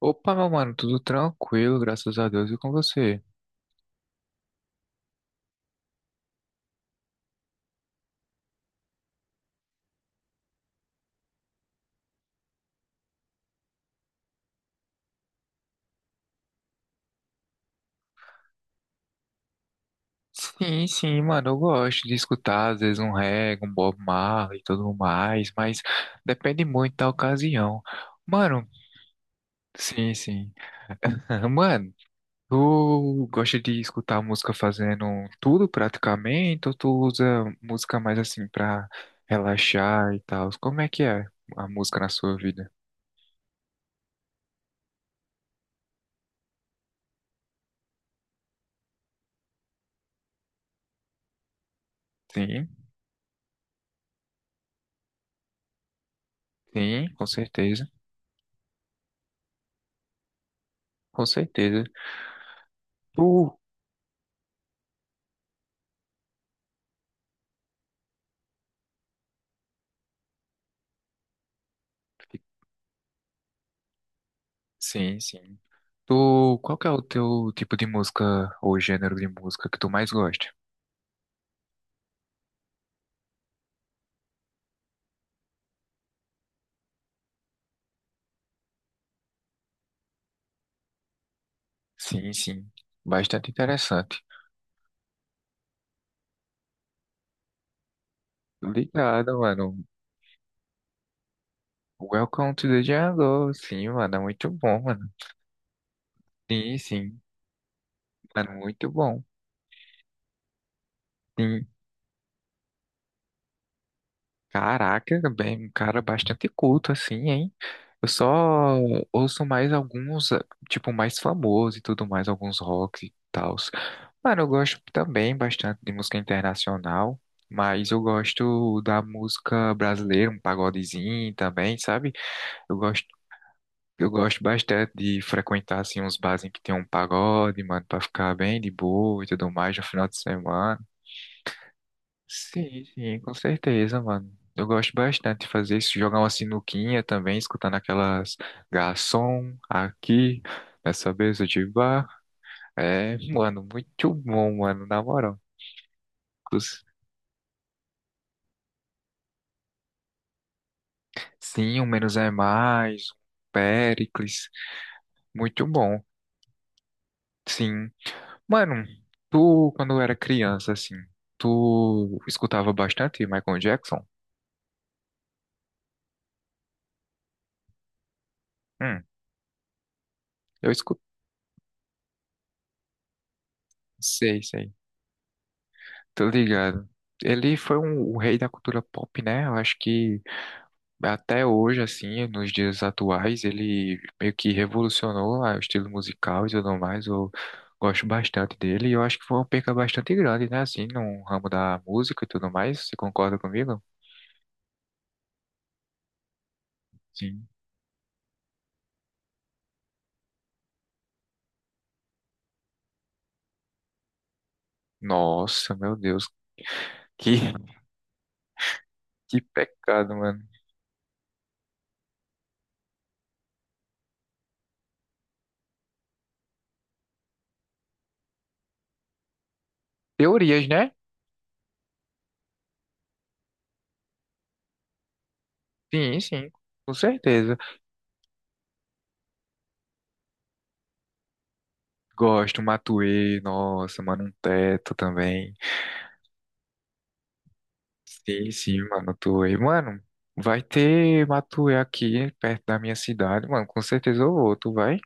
Opa, meu mano, tudo tranquilo, graças a Deus, e com você? Sim, mano, eu gosto de escutar, às vezes, um reggae, um Bob Marley e tudo mais, mas depende muito da ocasião. Mano, sim, sim. Mano, tu gosta de escutar música fazendo tudo praticamente, ou tu usa música mais assim pra relaxar e tal? Como é que é a música na sua vida? Sim, sim, com certeza, com certeza. Tu Sim, sim. Tu, qual que é o teu tipo de música ou gênero de música que tu mais gosta? Sim, sim. Bastante interessante. Obrigado, mano. Welcome to the jungle. Sim, mano, é muito bom, mano. Sim, sim. Mano, muito bom. Sim. Caraca, bem, um cara bastante culto, assim, hein? Eu só ouço mais alguns, tipo, mais famosos e tudo mais, alguns rock e tals. Mano, eu gosto também bastante de música internacional, mas eu gosto da música brasileira, um pagodezinho também, sabe? Eu gosto, eu gosto bastante de frequentar, assim, uns bares em que tem um pagode, mano, pra ficar bem de boa e tudo mais no final de semana. Sim, sim, com certeza, mano. Eu gosto bastante de fazer isso, jogar uma sinuquinha também, escutando aquelas garçom aqui, nessa mesa de bar. É, mano, muito bom, mano, na moral. Os- Sim, o menos é mais, o Péricles, muito bom. Sim. Mano, tu, quando era criança, assim, tu escutava bastante Michael Jackson? Hum, eu escutei, sei, sei. Tô ligado. Ele foi um, o rei da cultura pop, né? Eu acho que até hoje, assim, nos dias atuais, ele meio que revolucionou o estilo musical e tudo mais. Eu gosto bastante dele e eu acho que foi uma perca bastante grande, né? Assim, no ramo da música e tudo mais. Você concorda comigo? Sim. Nossa, meu Deus. Que, que pecado, mano. Teorias, né? Sim, sim, com certeza. Gosto, Matuê, nossa, mano, um teto também. Sim, sim, Matuê. Mano, vai ter Matuê aqui perto da minha cidade, mano. Com certeza eu vou. Tu vai?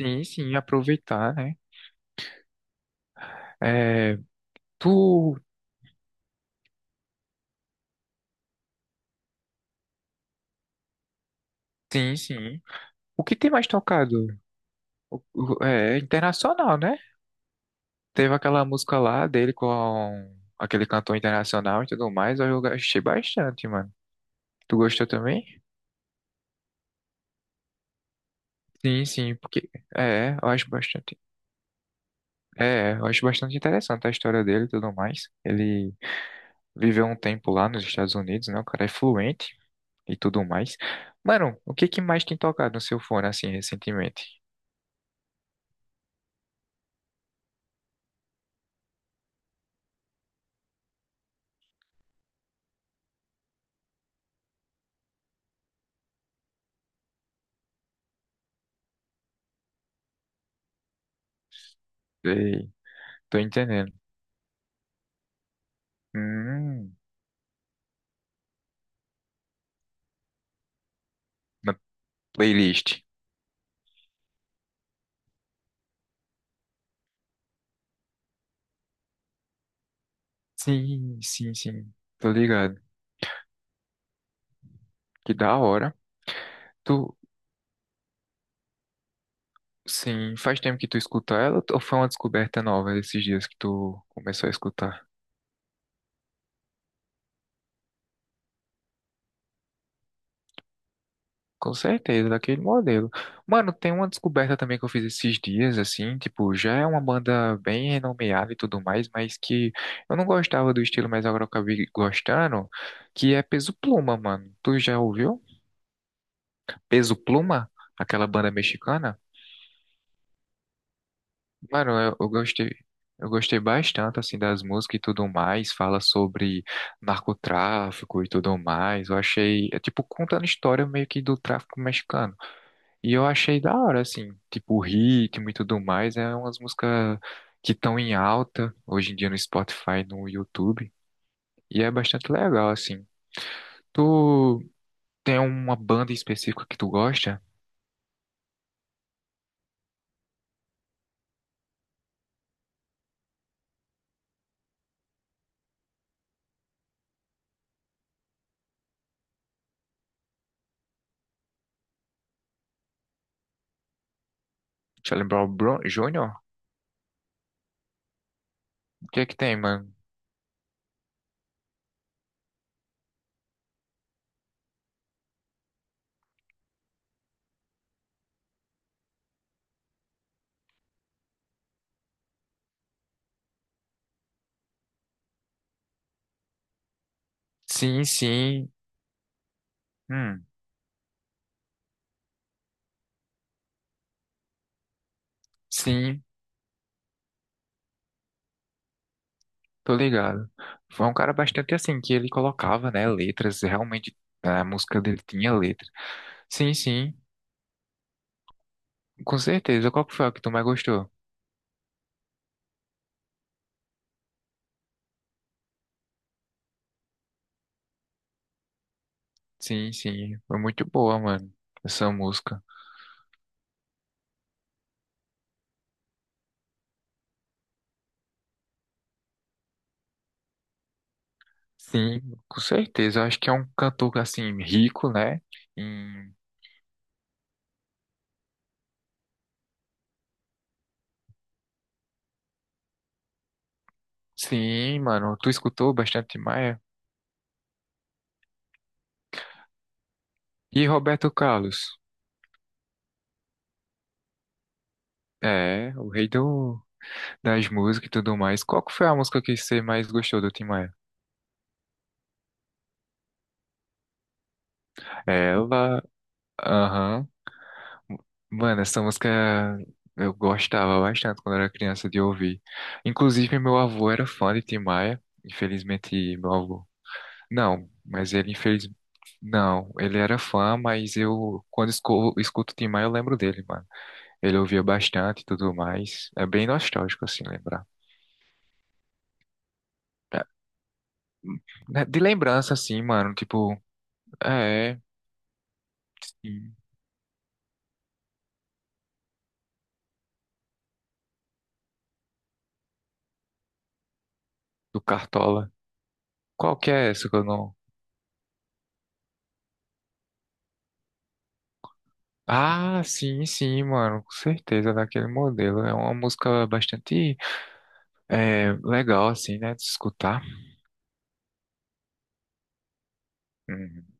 Sim, sim, aproveitar, né? É, tu. Sim, sim. O que tem mais tocado? É internacional, né? Teve aquela música lá dele com aquele cantor internacional e tudo mais. Eu gostei bastante, mano. Tu gostou também? Sim, sim, porque. É, eu acho bastante. É, eu acho bastante interessante a história dele e tudo mais. Ele. Viveu um tempo lá nos Estados Unidos, né? O cara é fluente e tudo mais. Mano, o que que mais tem tocado no seu fone assim recentemente? Sei, tô entendendo. Hum, na playlist. Sim, sim, sim. Tô ligado. Que da hora. Tu, sim, faz tempo que tu escuta ela ou foi uma descoberta nova esses dias que tu começou a escutar? Com certeza, daquele modelo. Mano, tem uma descoberta também que eu fiz esses dias, assim, tipo, já é uma banda bem renomeada e tudo mais, mas que eu não gostava do estilo, mas agora eu acabei gostando, que é Peso Pluma, mano. Tu já ouviu? Peso Pluma? Aquela banda mexicana? Mano, eu gostei. Eu gostei bastante, assim, das músicas e tudo mais. Fala sobre narcotráfico e tudo mais. Eu achei, é tipo, contando história meio que do tráfico mexicano. E eu achei da hora, assim, tipo o ritmo e tudo mais, é umas músicas que estão em alta hoje em dia no Spotify, no YouTube, e é bastante legal, assim. Tu tem uma banda específica que tu gosta? Jr.? O que é que tem, mano? Sim, sim, hum, sim, tô ligado. Foi um cara bastante assim, que ele colocava, né, letras, realmente a música dele tinha letra. Sim, sim, com certeza. Qual que foi a que tu mais gostou? Sim, sim, foi muito boa, mano, essa música. Sim, com certeza. Eu acho que é um cantor assim rico, né? Em- Sim, mano, tu escutou bastante Maia? E Roberto Carlos? É, o rei do... das músicas e tudo mais. Qual que foi a música que você mais gostou do Tim Maia? Ela, aham. Mano, essa música eu gostava bastante quando era criança de ouvir. Inclusive, meu avô era fã de Tim Maia. Infelizmente, meu avô. Não, mas ele infeliz. Não, ele era fã, mas eu, escuto o Tim Maia, eu lembro dele, mano. Ele ouvia bastante e tudo mais. É bem nostálgico, assim, lembrar. É, né, de lembrança, assim, mano, tipo, é, sim, do Cartola. Qual que é essa que eu não... Ah, sim, sim, mano, com certeza, daquele modelo. É uma música bastante legal, assim, né, de escutar. Uhum.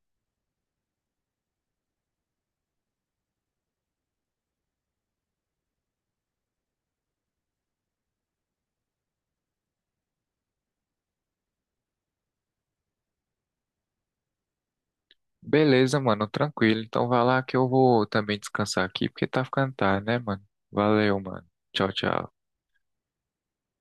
Beleza, mano, tranquilo. Então vai lá que eu vou também descansar aqui, porque tá ficando tarde, né, mano? Valeu, mano. Tchau, tchau.